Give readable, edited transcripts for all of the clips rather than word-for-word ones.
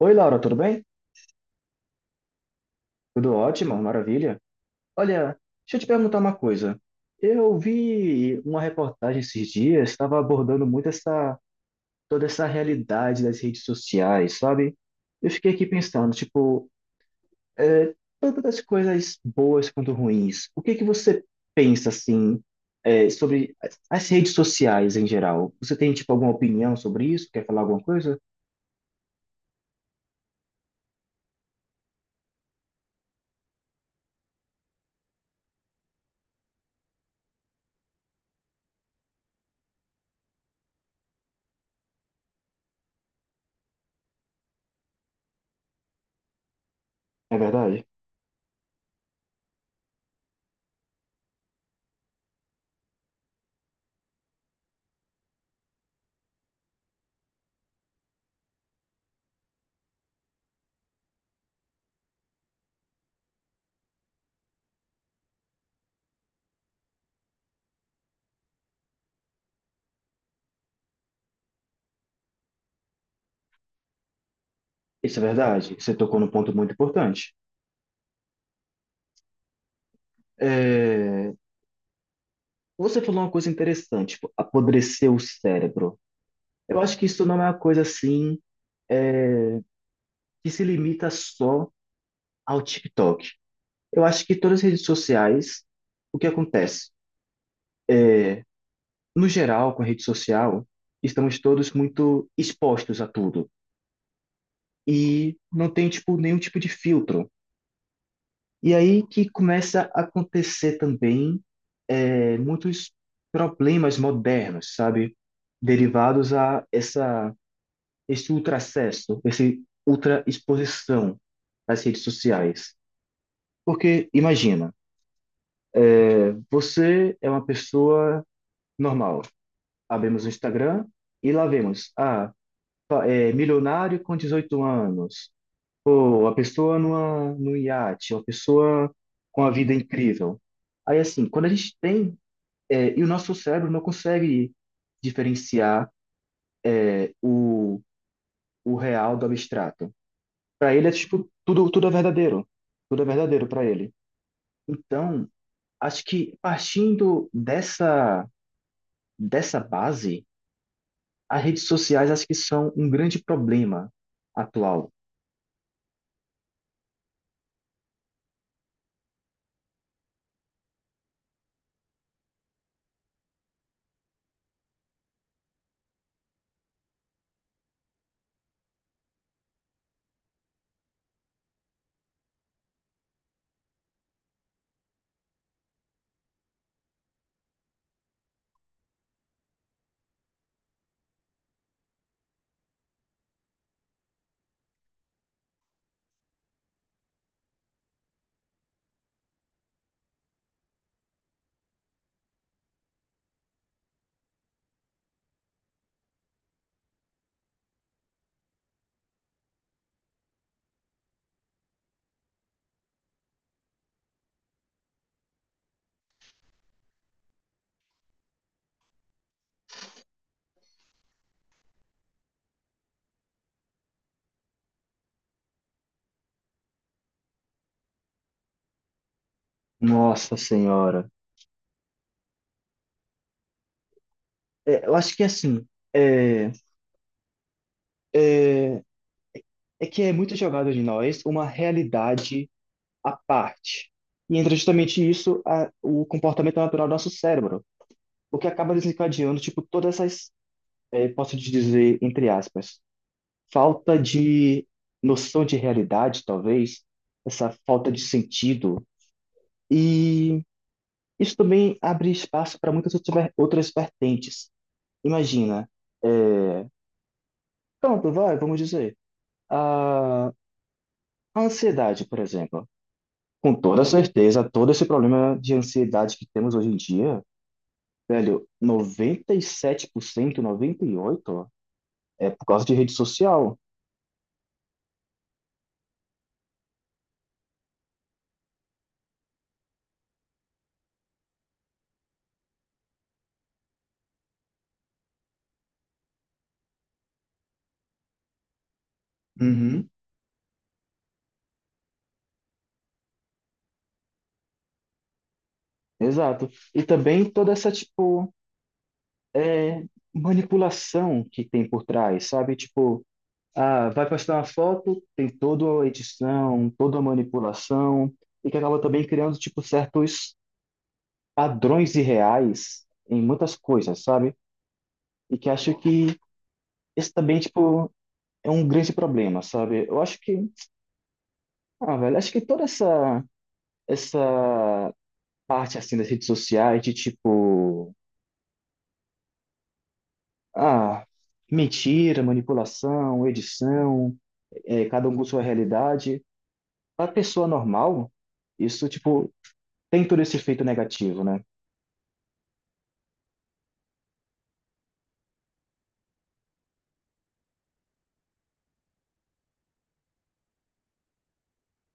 Oi, Laura, tudo bem? Tudo ótimo, maravilha. Olha, deixa eu te perguntar uma coisa. Eu vi uma reportagem esses dias, estava abordando muito essa, toda essa realidade das redes sociais, sabe? Eu fiquei aqui pensando, tipo, é, tanto das coisas boas quanto ruins. O que que você pensa, assim, sobre as redes sociais em geral? Você tem, tipo, alguma opinião sobre isso? Quer falar alguma coisa? É verdade? Isso é verdade. Você tocou num ponto muito importante. É, você falou uma coisa interessante, tipo, apodrecer o cérebro. Eu acho que isso não é uma coisa assim que se limita só ao TikTok. Eu acho que todas as redes sociais, o que acontece? No geral, com a rede social, estamos todos muito expostos a tudo e não tem tipo nenhum tipo de filtro. E aí que começa a acontecer também muitos problemas modernos, sabe? Derivados a essa esse ultracesso, essa ultraexposição às redes sociais. Porque, imagina, você é uma pessoa normal. Abrimos o Instagram e lá vemos, ah, milionário com 18 anos, ou a pessoa num iate, uma pessoa com a vida incrível. Aí, assim, quando a gente tem, e o nosso cérebro não consegue diferenciar o, o real do abstrato. Para ele é tipo, tudo, tudo é verdadeiro. Tudo é verdadeiro para ele. Então, acho que partindo dessa base, as redes sociais acho que são um grande problema atual. Nossa Senhora. É, eu acho que assim, é, é, é que é muito jogado de nós uma realidade à parte. E entra justamente isso, o comportamento natural do nosso cérebro, o que acaba desencadeando, tipo, todas essas, posso te dizer, entre aspas, falta de noção de realidade, talvez, essa falta de sentido. E isso também abre espaço para muitas outras outras vertentes. Imagina, é, pronto, vai, vamos dizer, a ansiedade, por exemplo. Com toda certeza, todo esse problema de ansiedade que temos hoje em dia, velho, 97%, 98% é por causa de rede social. Uhum. Exato. E também toda essa, tipo, é, manipulação que tem por trás, sabe? Tipo, ah, vai postar uma foto, tem toda a edição, toda a manipulação, e que acaba também criando, tipo, certos padrões irreais em muitas coisas, sabe? E que acho que esse também, tipo, é um grande problema, sabe? Eu acho que, ah, velho, acho que toda essa parte, assim, das redes sociais de, tipo, ah, mentira, manipulação, edição, cada um com sua realidade. Para pessoa normal, isso, tipo, tem todo esse efeito negativo, né?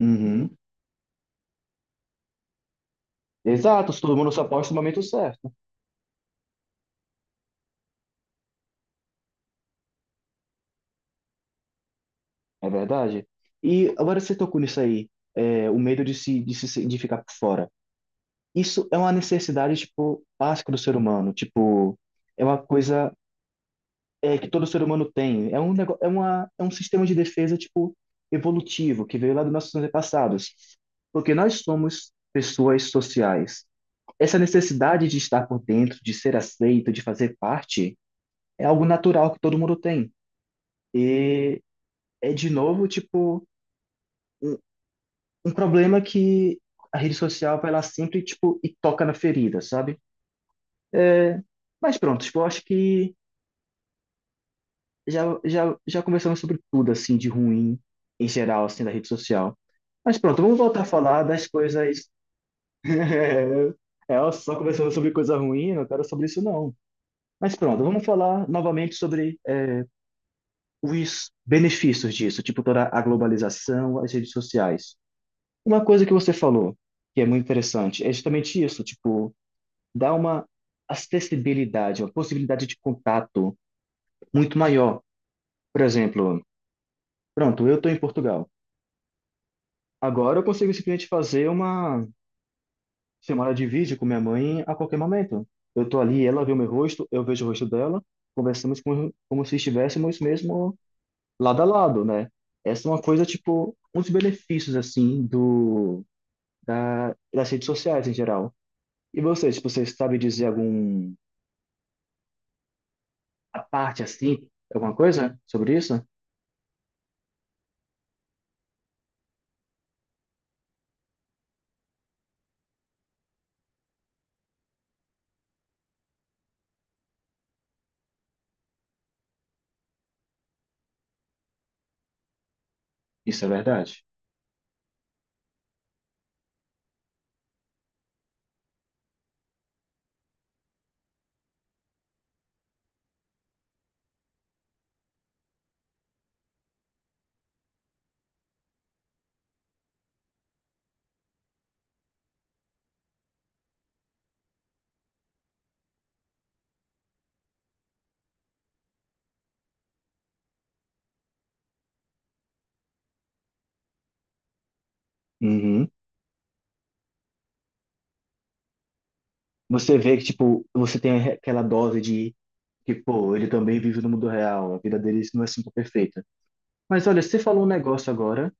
Uhum. Exato, se todo mundo só posta no momento certo, é verdade. E agora você tocou nisso aí, o medo de se, de ficar por fora. Isso é uma necessidade, tipo, básica do ser humano, tipo, é uma coisa que todo ser humano tem. É um negócio, é um sistema de defesa, tipo, evolutivo, que veio lá dos nossos antepassados. Porque nós somos pessoas sociais. Essa necessidade de estar por dentro, de ser aceito, de fazer parte, é algo natural que todo mundo tem. E é de novo, tipo, um, um problema que a rede social vai lá sempre, tipo, e toca na ferida, sabe? Mas pronto, tipo, eu acho que já conversamos sobre tudo, assim, de ruim em geral, assim, da rede social. Mas pronto, vamos voltar a falar das coisas. É, só conversando sobre coisa ruim, eu não quero sobre isso não. Mas pronto, vamos falar novamente sobre os benefícios disso, tipo toda a globalização, as redes sociais. Uma coisa que você falou, que é muito interessante, é justamente isso, tipo, dá uma acessibilidade, uma possibilidade de contato muito maior. Por exemplo, pronto, eu estou em Portugal. Agora eu consigo simplesmente fazer uma chamada de vídeo com minha mãe a qualquer momento. Eu estou ali, ela vê o meu rosto, eu vejo o rosto dela, conversamos como se estivéssemos mesmo lado a lado, né? Essa é uma coisa, tipo, um dos benefícios, assim, das redes sociais em geral. E você, tipo, você sabe dizer algum, a parte, assim, alguma coisa sobre isso? Isso é verdade. Uhum. Você vê que, tipo, você tem aquela dose de que, pô, ele também vive no mundo real, a vida dele não é sempre perfeita. Mas olha, você falou um negócio agora,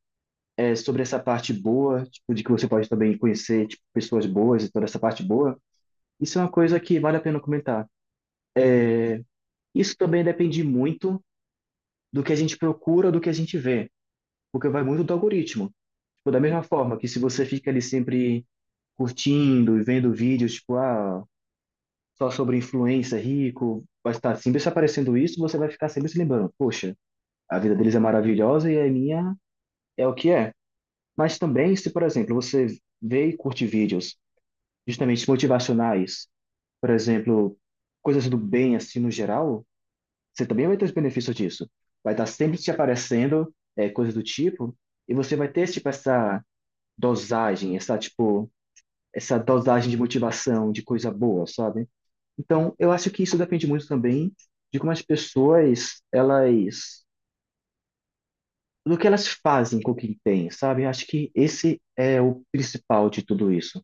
sobre essa parte boa, tipo, de que você pode também conhecer, tipo, pessoas boas e toda essa parte boa. Isso é uma coisa que vale a pena comentar. Isso também depende muito do que a gente procura, do que a gente vê, porque vai muito do algoritmo. Tipo, da mesma forma que se você fica ali sempre curtindo e vendo vídeos, tipo, ah, só sobre influência, rico, vai estar sempre se aparecendo isso, você vai ficar sempre se lembrando, poxa, a vida deles é maravilhosa e a minha é o que é. Mas também, se, por exemplo, você vê e curte vídeos justamente motivacionais, por exemplo, coisas do bem, assim, no geral, você também vai ter os benefícios disso. Vai estar sempre te aparecendo coisas do tipo, e você vai ter, tipo, essa dosagem, essa, tipo, essa dosagem de motivação, de coisa boa, sabe? Então, eu acho que isso depende muito também de como as pessoas, elas, do que elas fazem com o que têm, sabe? Eu acho que esse é o principal de tudo isso.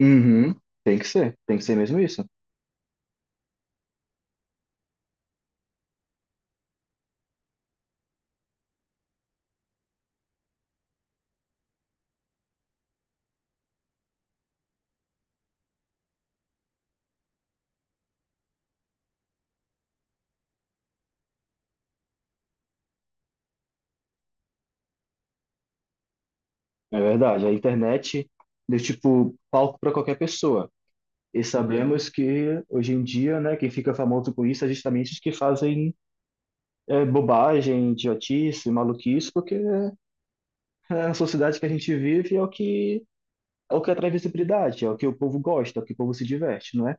Uhum. Tem que ser mesmo isso. É verdade, a internet deu, tipo, palco para qualquer pessoa. E sabemos que hoje em dia, né, quem fica famoso com isso é justamente os que fazem bobagem, idiotice, maluquice, porque a sociedade que a gente vive é o que atrai visibilidade, é o que o povo gosta, é o que o povo se diverte, não é?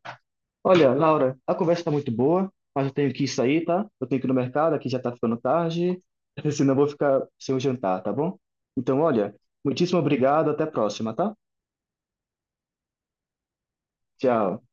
Olha, Laura, a conversa está muito boa, mas eu tenho que sair, tá? Eu tenho que ir no mercado, aqui já está ficando tarde, senão eu vou ficar sem o jantar, tá bom? Então, olha, muitíssimo obrigado, até a próxima, tá? Tchau.